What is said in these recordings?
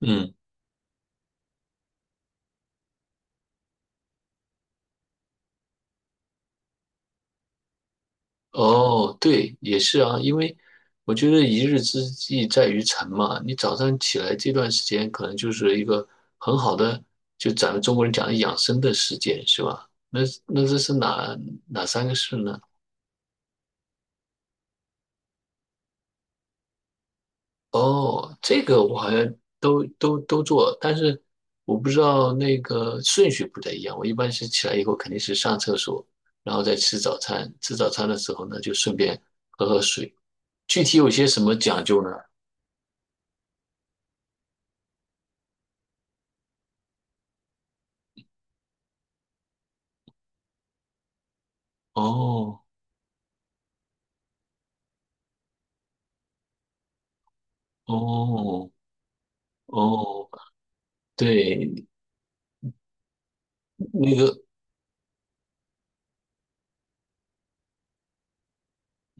嗯，哦，对，也是啊，因为我觉得一日之计在于晨嘛，你早上起来这段时间可能就是一个很好的，就咱们中国人讲的养生的时间，是吧？那这是哪三个事呢？哦，这个我好像都做，但是我不知道那个顺序不太一样。我一般是起来以后肯定是上厕所，然后再吃早餐，吃早餐的时候呢就顺便喝喝水。具体有些什么讲究呢？哦哦哦，对，那个，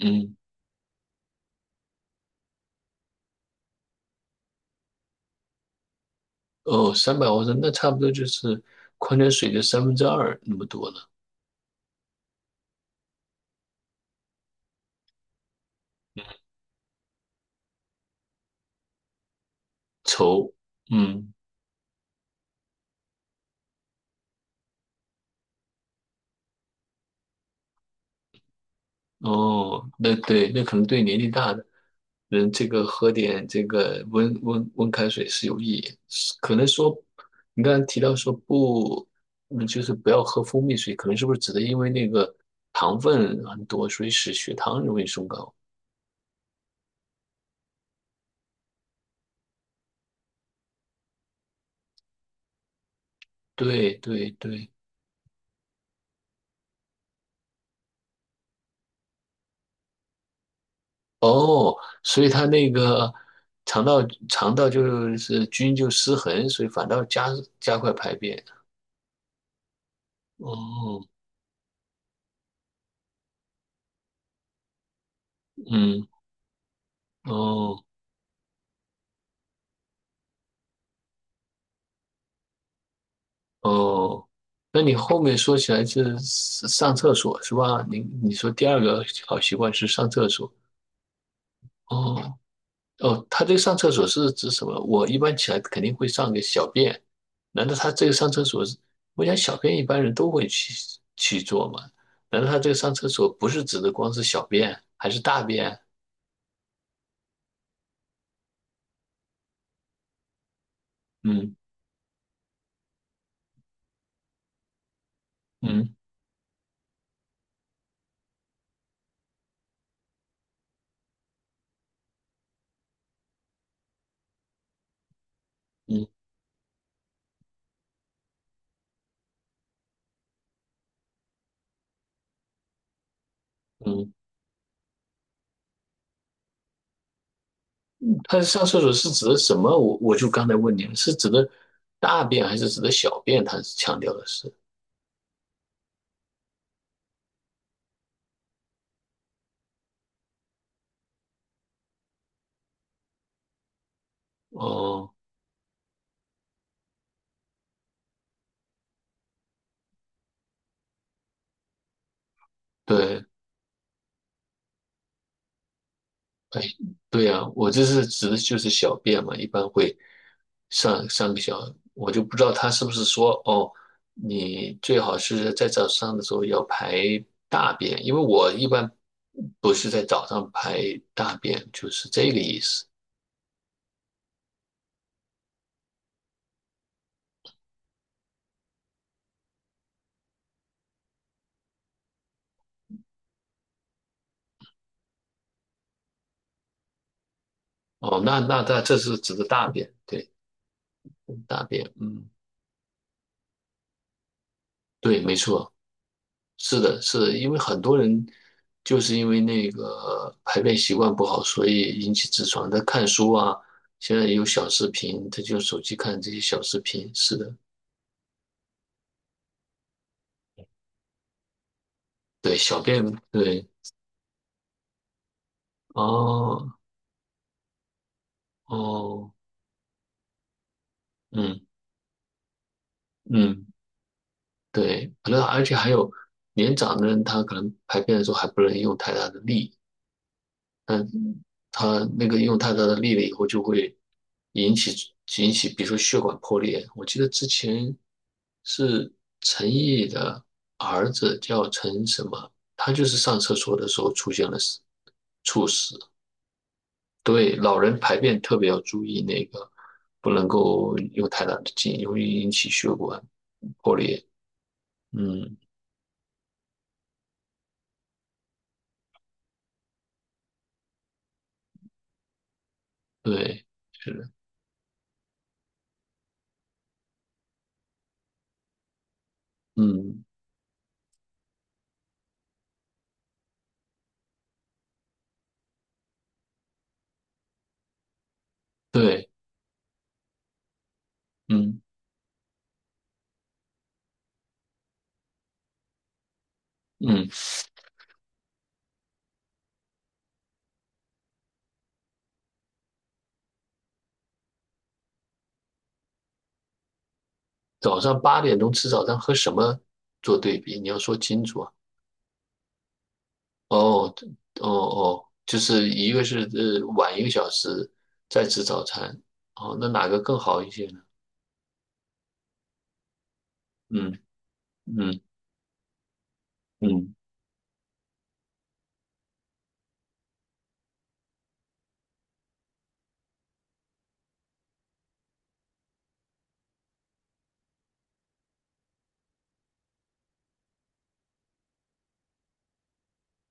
嗯，哦，300毫升，那差不多就是矿泉水的三分之二那么多了。稠，嗯，哦，那对，那可能对年纪大的人，这个喝点这个温温开水是有意义。是可能说，你刚才提到说不，就是不要喝蜂蜜水，可能是不是指的因为那个糖分很多，所以使血糖容易升高？对对对。哦，所以它那个肠道肠道就是菌就失衡，所以反倒加快排便。哦，嗯，哦哦，那你后面说起来是上厕所是吧？你说第二个好习惯是上厕所。哦，哦，他这个上厕所是指什么？我一般起来肯定会上个小便，难道他这个上厕所是？我想小便一般人都会去做嘛？难道他这个上厕所不是指的光是小便，还是大便？嗯嗯嗯嗯，他上厕所是指的什么？我就刚才问你了，是指的大便还是指的小便？他强调的是，哦，对，哎，对呀，我这是指的就是小便嘛，一般会上个小，我就不知道他是不是说哦，你最好是在早上的时候要排大便，因为我一般不是在早上排大便，就是这个意思。哦，那这是指的大便，对，大便，嗯，对，没错。是的，是的，因为很多人就是因为那个排便习惯不好，所以引起痔疮。他看书啊，现在也有小视频，他就用手机看这些小视频。是的，对，小便，对，哦，哦，嗯嗯，对，可能而且还有年长的人，他可能排便的时候还不能用太大的力，嗯，他那个用太大的力了以后就会引起引起，比如说血管破裂。我记得之前是陈毅的儿子叫陈什么，他就是上厕所的时候出现了猝死。对，老人排便特别要注意那个，不能够用太大的劲，容易引起血管破裂。嗯，对，是的，嗯，对，嗯嗯。早上八点钟吃早餐和什么做对比？你要说清楚啊。哦，哦哦，就是一个是晚一个小时再吃早餐，哦，那哪个更好一些呢？嗯嗯嗯，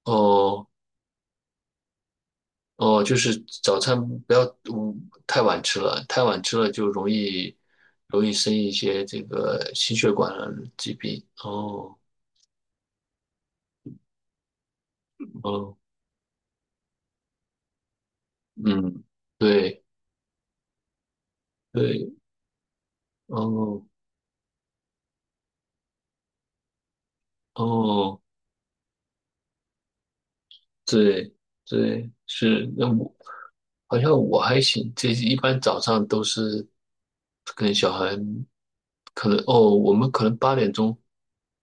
哦哦，就是早餐不要太晚吃了，太晚吃了就容易生一些这个心血管疾病。哦哦，嗯，对对，哦哦。对对，是，那我好像我还行，这一般早上都是跟小孩，可能哦，我们可能八点钟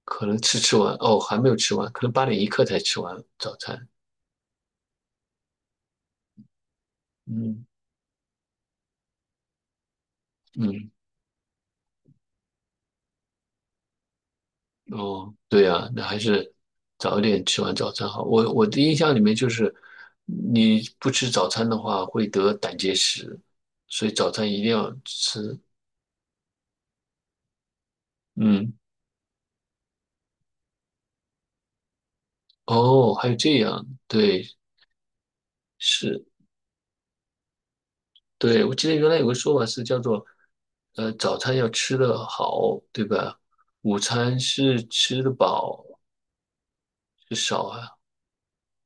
可能吃完，哦，还没有吃完，可能8点一刻才吃完早餐。嗯嗯，哦，对呀，那还是早一点吃完早餐好。我的印象里面就是，你不吃早餐的话会得胆结石，所以早餐一定要吃。嗯，哦，还有这样，对，是。对，我记得原来有个说法是叫做，早餐要吃得好，对吧？午餐是吃得饱是少啊，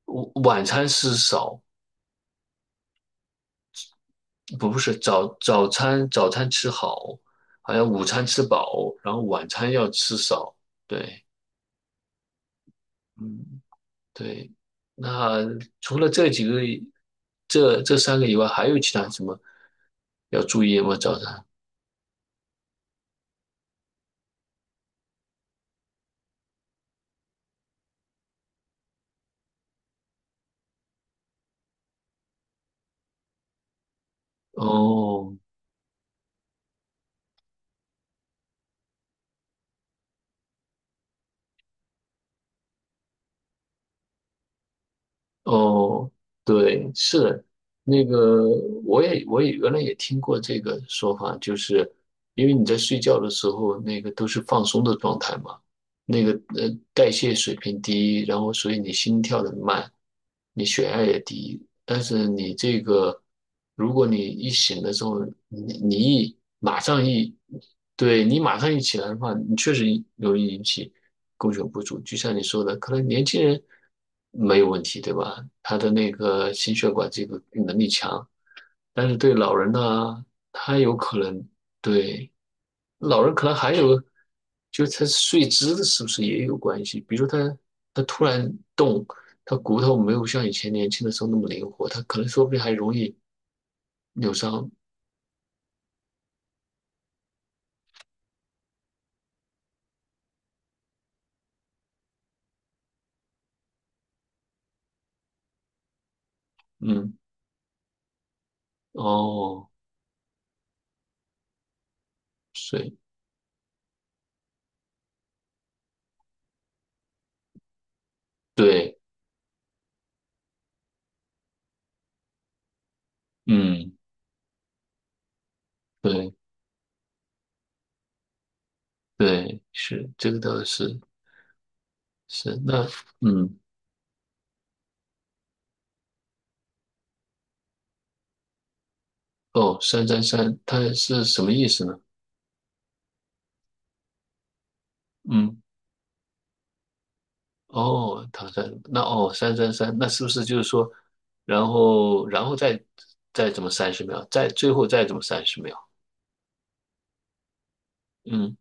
午晚餐是少，不是早餐吃好，好像午餐吃饱，然后晚餐要吃少。对，嗯，对。那除了这几个，这三个以外，还有其他什么要注意吗？早餐？哦，哦，对，是那个，我也原来也听过这个说法，就是因为你在睡觉的时候，那个都是放松的状态嘛，那个代谢水平低，然后所以你心跳的慢，你血压也低，但是你这个，如果你一醒的时候，你一马上一，对你马上一起来的话，你确实容易引起。供血不足。就像你说的，可能年轻人没有问题，对吧？他的那个心血管这个能力强，但是对老人呢，他有可能对老人可能还有，就是他睡姿的是不是也有关系？比如他突然动，他骨头没有像以前年轻的时候那么灵活，他可能说不定还容易扭伤。嗯，哦，睡，对，嗯，对。对，是，这个倒是是，那嗯。哦，三三三，它是什么意思呢？嗯，哦，唐山，那哦，三三三，那是不是就是说，然后再怎么三十秒，再最后再怎么三十秒？嗯，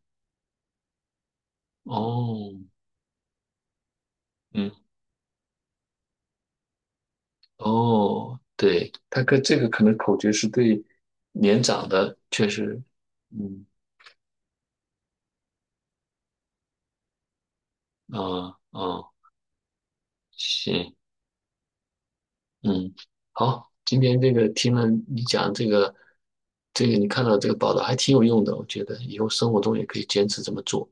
哦，嗯，哦，对，他跟这个可能口诀是对年长的，确实，嗯，啊、啊、行，嗯，好，今天这个听了你讲这个，这个你看到这个报道还挺有用的，我觉得以后生活中也可以坚持这么做。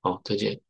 好，再见。